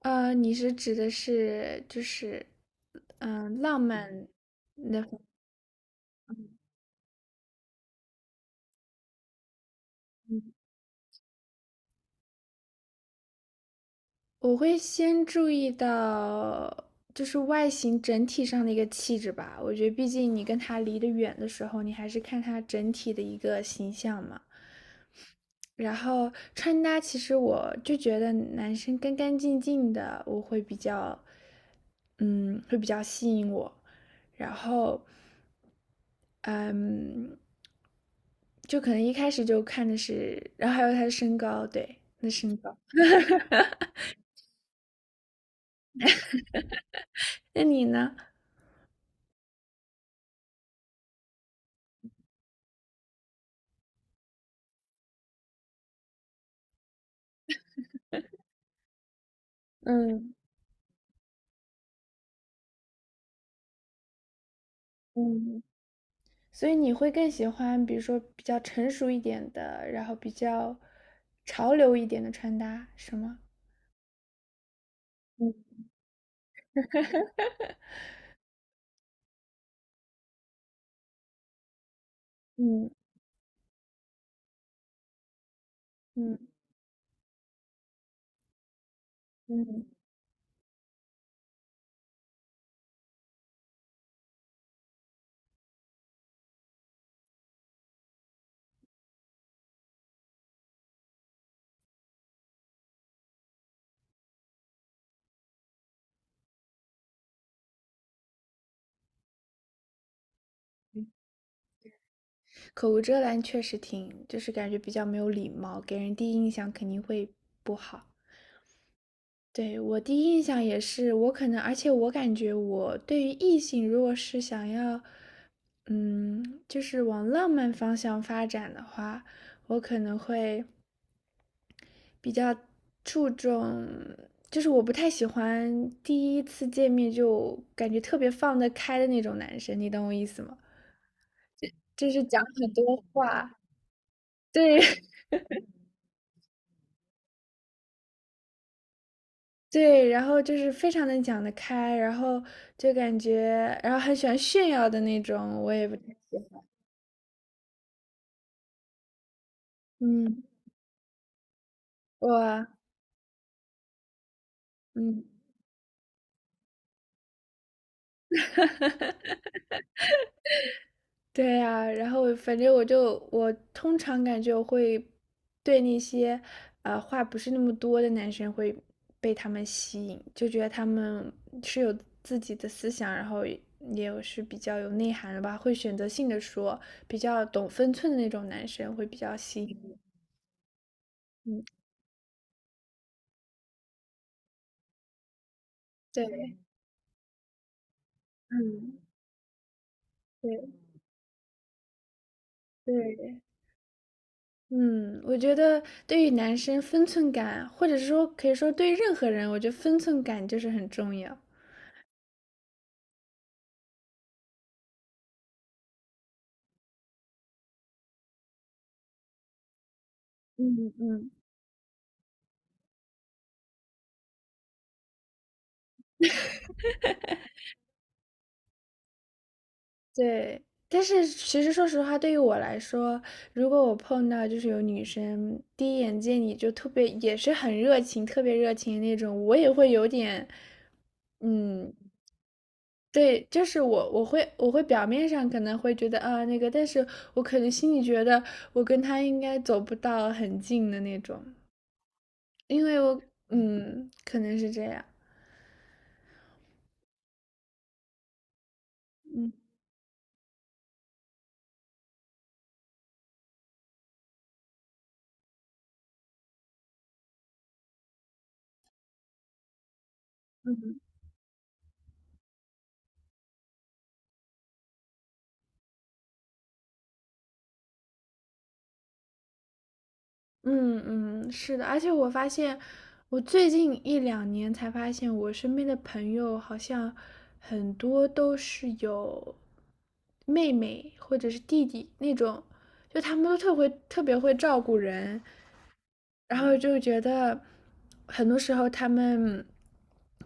你是指的是就是，浪漫那我会先注意到就是外形整体上的一个气质吧。我觉得，毕竟你跟他离得远的时候，你还是看他整体的一个形象嘛。然后穿搭，其实我就觉得男生干干净净的，我会比较，嗯，会比较吸引我。然后。嗯，就可能一开始就看的是，然后还有他的身高，对，他的身高。那你呢？嗯嗯，所以你会更喜欢，比如说比较成熟一点的，然后比较潮流一点的穿搭，是吗？嗯嗯嗯嗯，口无遮拦确实挺，就是感觉比较没有礼貌，给人第一印象肯定会不好。对，我第一印象也是，我可能，而且我感觉我对于异性，如果是想要，就是往浪漫方向发展的话，我可能会比较注重，就是我不太喜欢第一次见面就感觉特别放得开的那种男生，你懂我意思吗？就是讲很多话，对 对，然后就是非常能讲得开，然后就感觉，然后很喜欢炫耀的那种，我也不太喜欢。嗯，我嗯，对呀，然后反正我通常感觉我会对那些话不是那么多的男生会被他们吸引，就觉得他们是有自己的思想，然后也有是比较有内涵的吧，会选择性的说，比较懂分寸的那种男生会比较吸引我。嗯，对，嗯，对对。嗯，我觉得对于男生分寸感，或者是说可以说对于任何人，我觉得分寸感就是很重要。嗯嗯，对。但是其实说实话，对于我来说，如果我碰到就是有女生第一眼见你就特别也是很热情，特别热情的那种，我也会有点，嗯，对，就是我会表面上可能会觉得啊那个，但是我可能心里觉得我跟她应该走不到很近的那种，因为我嗯，可能是这样。嗯。嗯嗯，是的，而且我发现，我最近一两年才发现，我身边的朋友好像很多都是有妹妹或者是弟弟那种，就他们都特别会照顾人，然后就觉得很多时候他们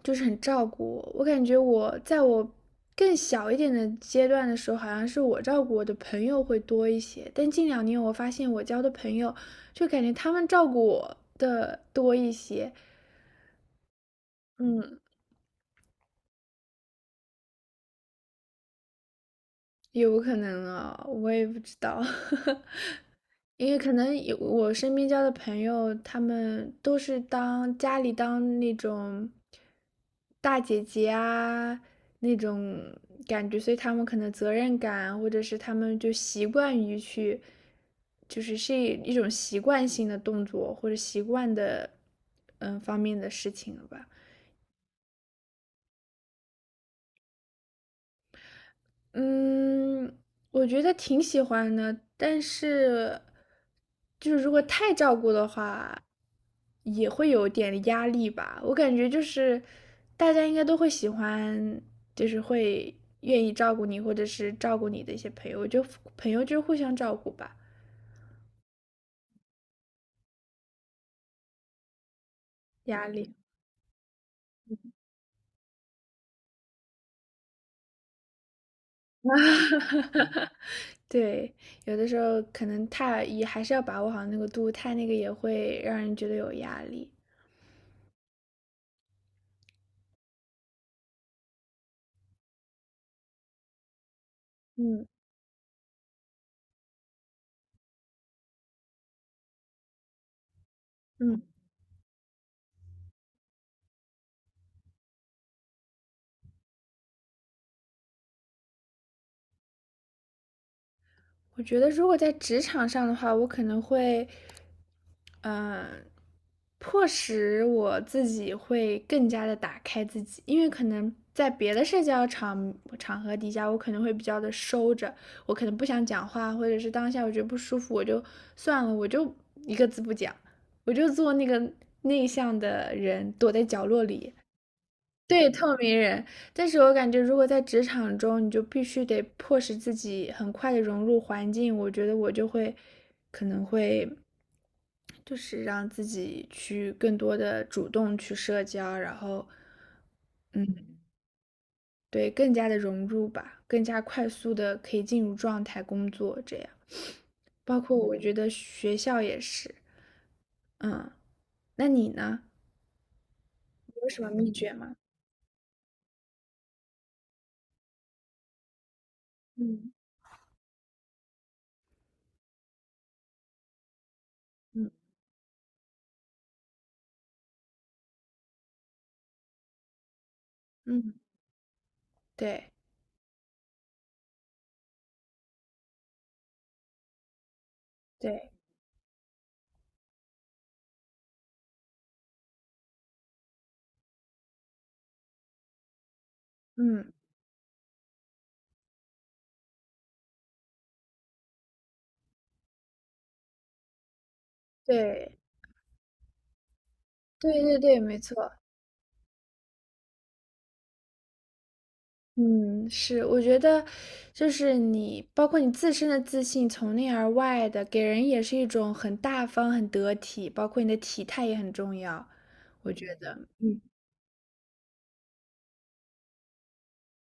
就是很照顾我。我感觉我在我更小一点的阶段的时候，好像是我照顾我的朋友会多一些。但近两年我发现我交的朋友，就感觉他们照顾我的多一些。嗯，有可能啊，我也不知道。因为可能有我身边交的朋友，他们都是当家里当那种大姐姐啊那种感觉，所以他们可能责任感，或者是他们就习惯于去，就是是一种习惯性的动作或者习惯的方面的事情了吧。嗯，我觉得挺喜欢的，但是就是如果太照顾的话，也会有点压力吧。我感觉就是大家应该都会喜欢，就是会愿意照顾你，或者是照顾你的一些朋友。我觉得朋友就是互相照顾吧，压力。啊，对，有的时候可能太也还是要把握好那个度，太那个也会让人觉得有压力。嗯嗯。我觉得如果在职场上的话，我可能会，嗯、迫使我自己会更加的打开自己，因为可能在别的社交场合底下，我可能会比较的收着，我可能不想讲话，或者是当下我觉得不舒服，我就算了，我就一个字不讲，我就做那个内向的人，躲在角落里。对，透明人。但是我感觉，如果在职场中，你就必须得迫使自己很快的融入环境。我觉得我就会，可能会就是让自己去更多的主动去社交，然后，嗯，对，更加的融入吧，更加快速的可以进入状态工作这样。包括我觉得学校也是，嗯，那你呢？你有什么秘诀吗？嗯嗯嗯，对对，嗯对对对对对，没错。嗯，是，我觉得就是你，包括你自身的自信，从内而外的，给人也是一种很大方、很得体，包括你的体态也很重要，我觉得，嗯，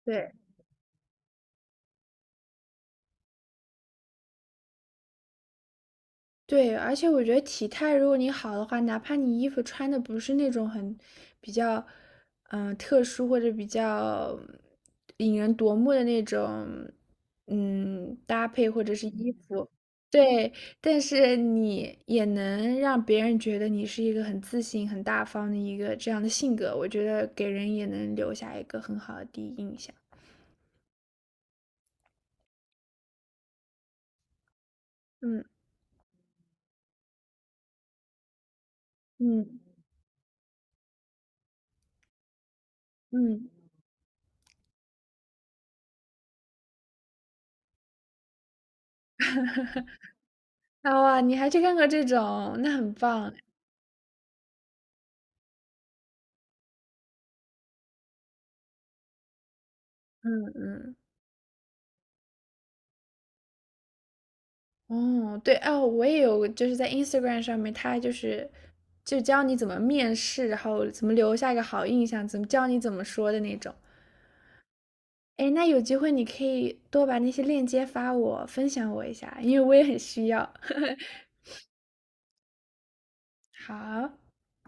对。对，而且我觉得体态如果你好的话，哪怕你衣服穿的不是那种很比较特殊或者比较引人夺目的那种搭配或者是衣服，对，但是你也能让别人觉得你是一个很自信、很大方的一个这样的性格，我觉得给人也能留下一个很好的第一印象。嗯嗯嗯，啊哇，你还去看过这种，那很棒。嗯嗯。哦，对哦，我也有，就是在 Instagram 上面，他就是就教你怎么面试，然后怎么留下一个好印象，怎么教你怎么说的那种。哎，那有机会你可以多把那些链接发我，分享我一下，因为我也很需要。好。